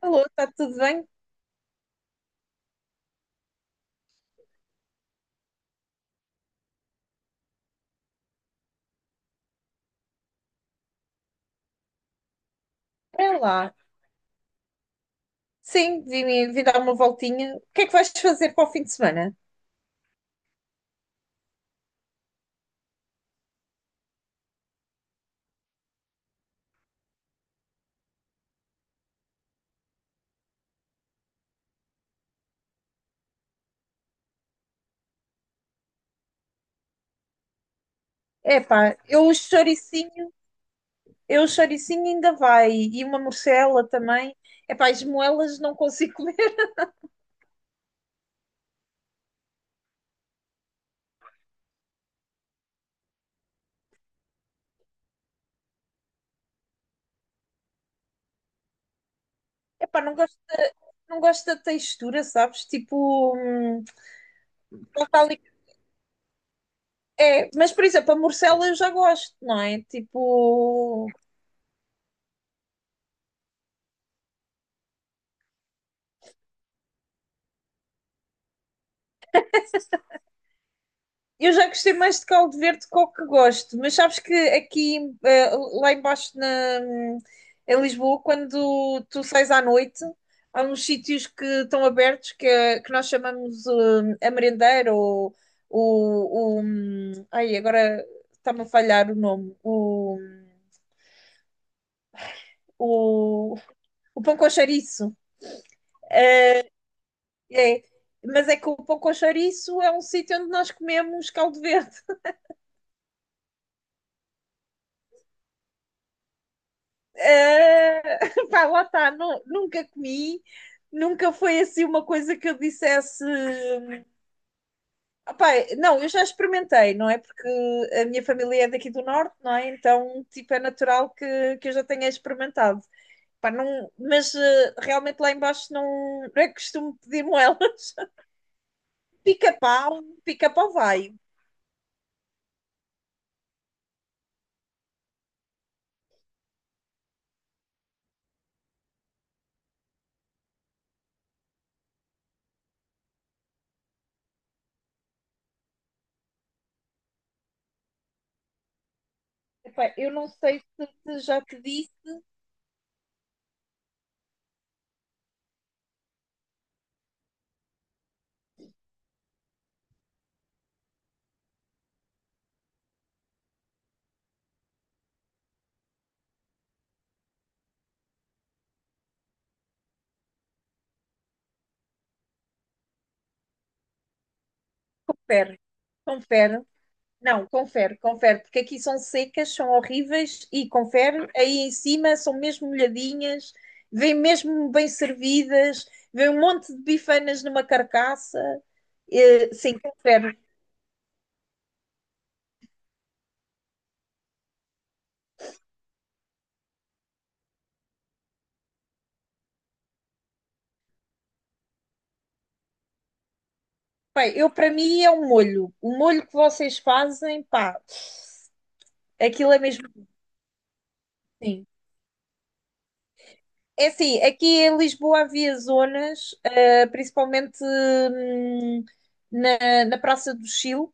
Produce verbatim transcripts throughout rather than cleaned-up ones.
Alô, está tudo bem? É lá. Sim, vim, vim dar uma voltinha. O que é que vais fazer para o fim de semana? Epá, eu o choricinho, eu o choricinho ainda vai. E uma morcela também. Epá, as moelas não consigo comer. Epá, não gosto da, não gosto da textura, sabes? Tipo, hum, não está ali- É, mas por exemplo, a morcela eu já gosto, não é? Tipo, eu já gostei mais de caldo verde que o que gosto, mas sabes que aqui, eh, lá embaixo na, em Lisboa, quando tu sais à noite, há uns sítios que estão abertos que, é- que nós chamamos eh, a merendeira ou o. o hum, ai, agora está-me a falhar o nome. O, o, o pão com chouriço. É, mas é que o pão com chouriço é um sítio onde nós comemos caldo verde. Uh, pá, lá está, nu- nunca comi, nunca foi assim uma coisa que eu dissesse. Ah, pá, não, eu já experimentei, não é? Porque a minha família é daqui do norte, não é? Então, tipo, é natural que, que eu já tenha experimentado. Pá, não, mas eh, realmente lá embaixo não, não é que costumo pedir moelas. Pica-pau, pica-pau vai. Epá, eu não sei se, se já te disse, confere, confere, não, confere, confere, porque aqui são secas, são horríveis e confere, aí em cima são mesmo molhadinhas, vêm mesmo bem servidas, vem um monte de bifanas numa carcaça. Eh, sim, confere. Bem, eu para mim é um molho. O molho que vocês fazem, pá, aquilo é mesmo assim. É assim, aqui em Lisboa havia zonas, eh, principalmente hum, na, na Praça do Chile,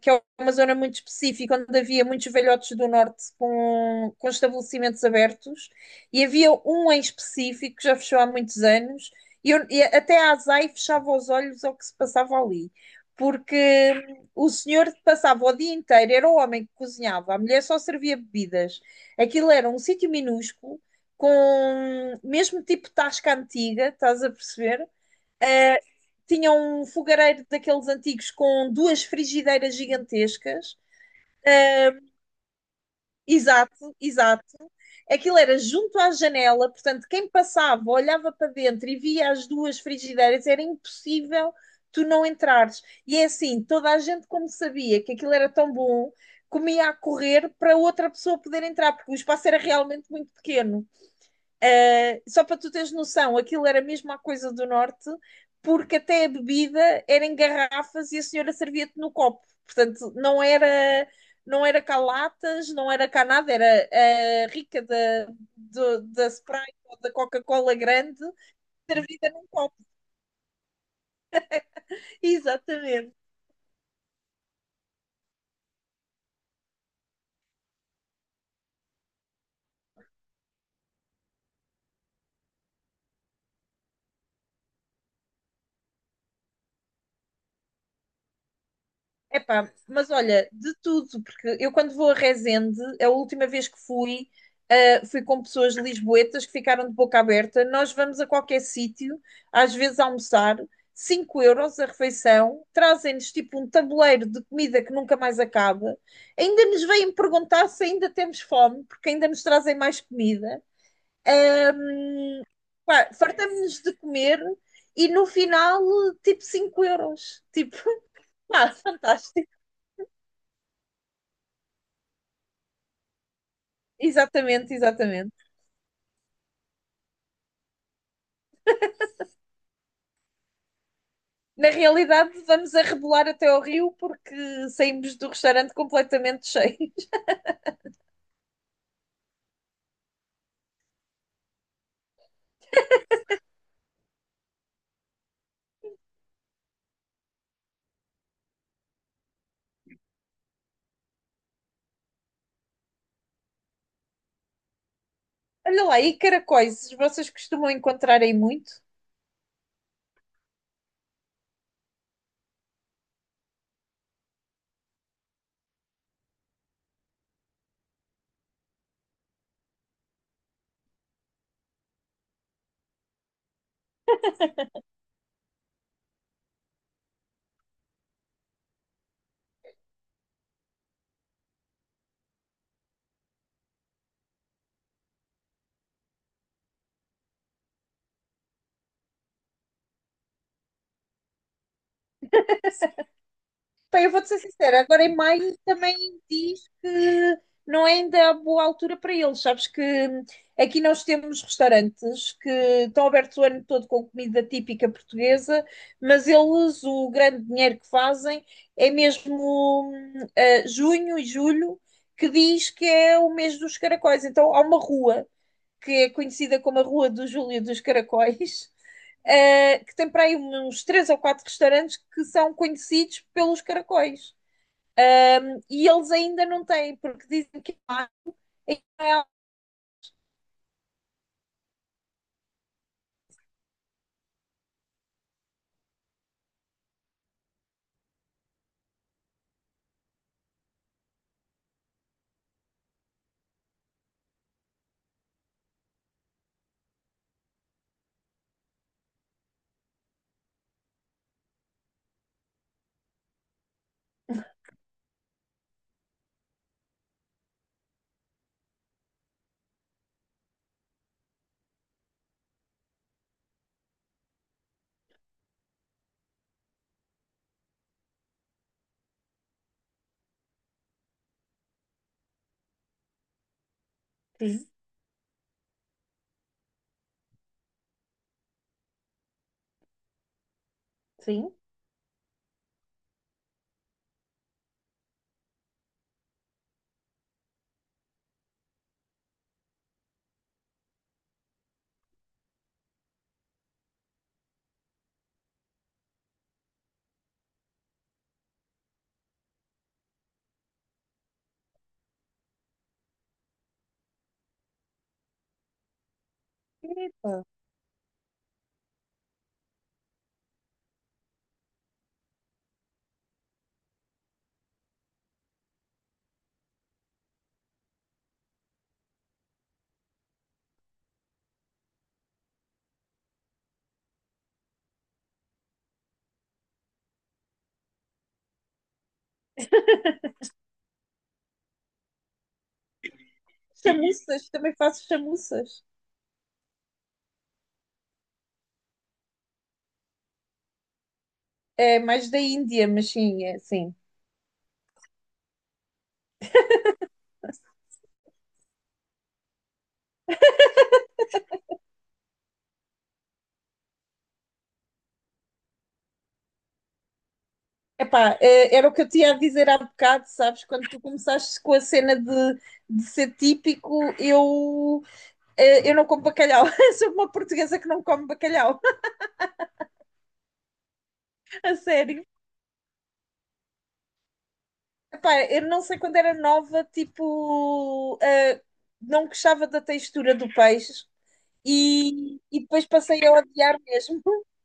que é uma zona muito específica, onde havia muitos velhotes do norte com, com estabelecimentos abertos, e havia um em específico que já fechou há muitos anos, e, eu- e até a Azai fechava os olhos ao que se passava ali, porque hum, o senhor passava o dia inteiro, era o homem que cozinhava, a mulher só servia bebidas. Aquilo era um sítio minúsculo, com mesmo tipo tasca antiga, estás a perceber? Tinha um fogareiro daqueles antigos com duas frigideiras gigantescas. Exato, exato. Aquilo era junto à janela, portanto, quem passava, olhava para dentro e via as duas frigideiras, era impossível tu não entrares. E é assim, toda a gente, como sabia que aquilo era tão bom, comia a correr para outra pessoa poder entrar, porque o espaço era realmente muito pequeno. Uh, só para tu teres noção, aquilo era mesmo a coisa do norte, porque até a bebida era em garrafas e a senhora servia-te no copo. Portanto, não era não era cá latas, não era cá nada, era uh, rica da, do- da Sprite ou da Coca-Cola grande servida num copo. Exatamente. Epá, mas olha, de tudo, porque eu quando vou a Resende, a última vez que fui, ah, fui com pessoas lisboetas que ficaram de boca aberta. Nós vamos a qualquer sítio, às vezes almoçar, cinco euros a refeição, trazem-nos tipo um tabuleiro de comida que nunca mais acaba. Ainda nos vêm perguntar se ainda temos fome, porque ainda nos trazem mais comida. Ahm, Pá, fartamos-nos de comer e no final, tipo cinco euros. Tipo, pá, fantástico. Exatamente, exatamente. Na realidade, vamos a rebolar até ao rio porque saímos do restaurante completamente cheios. Olha lá, e caracóis, vocês costumam encontrar aí muito? Pá, eu vou-te ser sincera, agora em maio também diz que não é ainda a boa altura para eles. Sabes que aqui nós temos restaurantes que estão abertos o ano todo com comida típica portuguesa, mas eles, o grande dinheiro que fazem é mesmo hum, eh, junho e julho, que diz que é o mês dos caracóis. Então há uma rua que é conhecida como a Rua do Júlio dos Caracóis. Eh, que tem para aí uns três ou quatro restaurantes que são conhecidos pelos caracóis. Um, e eles ainda não têm, porque dizem que lá em. Sim. Epa. Chamuças, também faço chamuças. É mais da Índia, mas sim, é, sim. Epá, eh, era o que eu tinha a dizer há bocado, sabes? Quando tu começaste com a cena de, de ser típico, eu, eh, eu não como bacalhau. Sou uma portuguesa que não come bacalhau, a sério. Epá, eu não sei quando era nova, tipo, eh, não gostava da textura do peixe. E, e depois passei a odiar mesmo.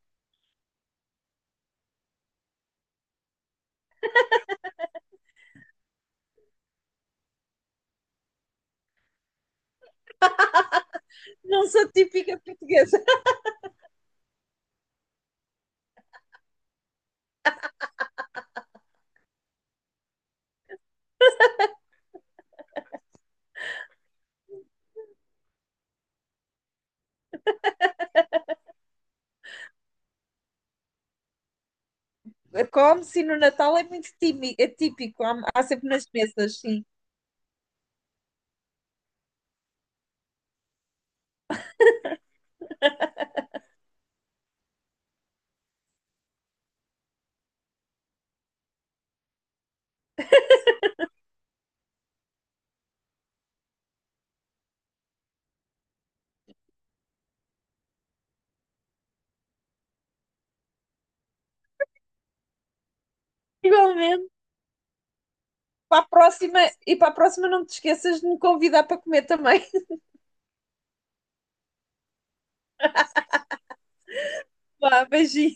Não sou típica portuguesa. Come-se no Natal é muito tími- é típico, há, há sempre nas mesas, sim. Igualmente. Para a próxima, e para a próxima não te esqueças de me convidar para comer também. Vá, beijinho.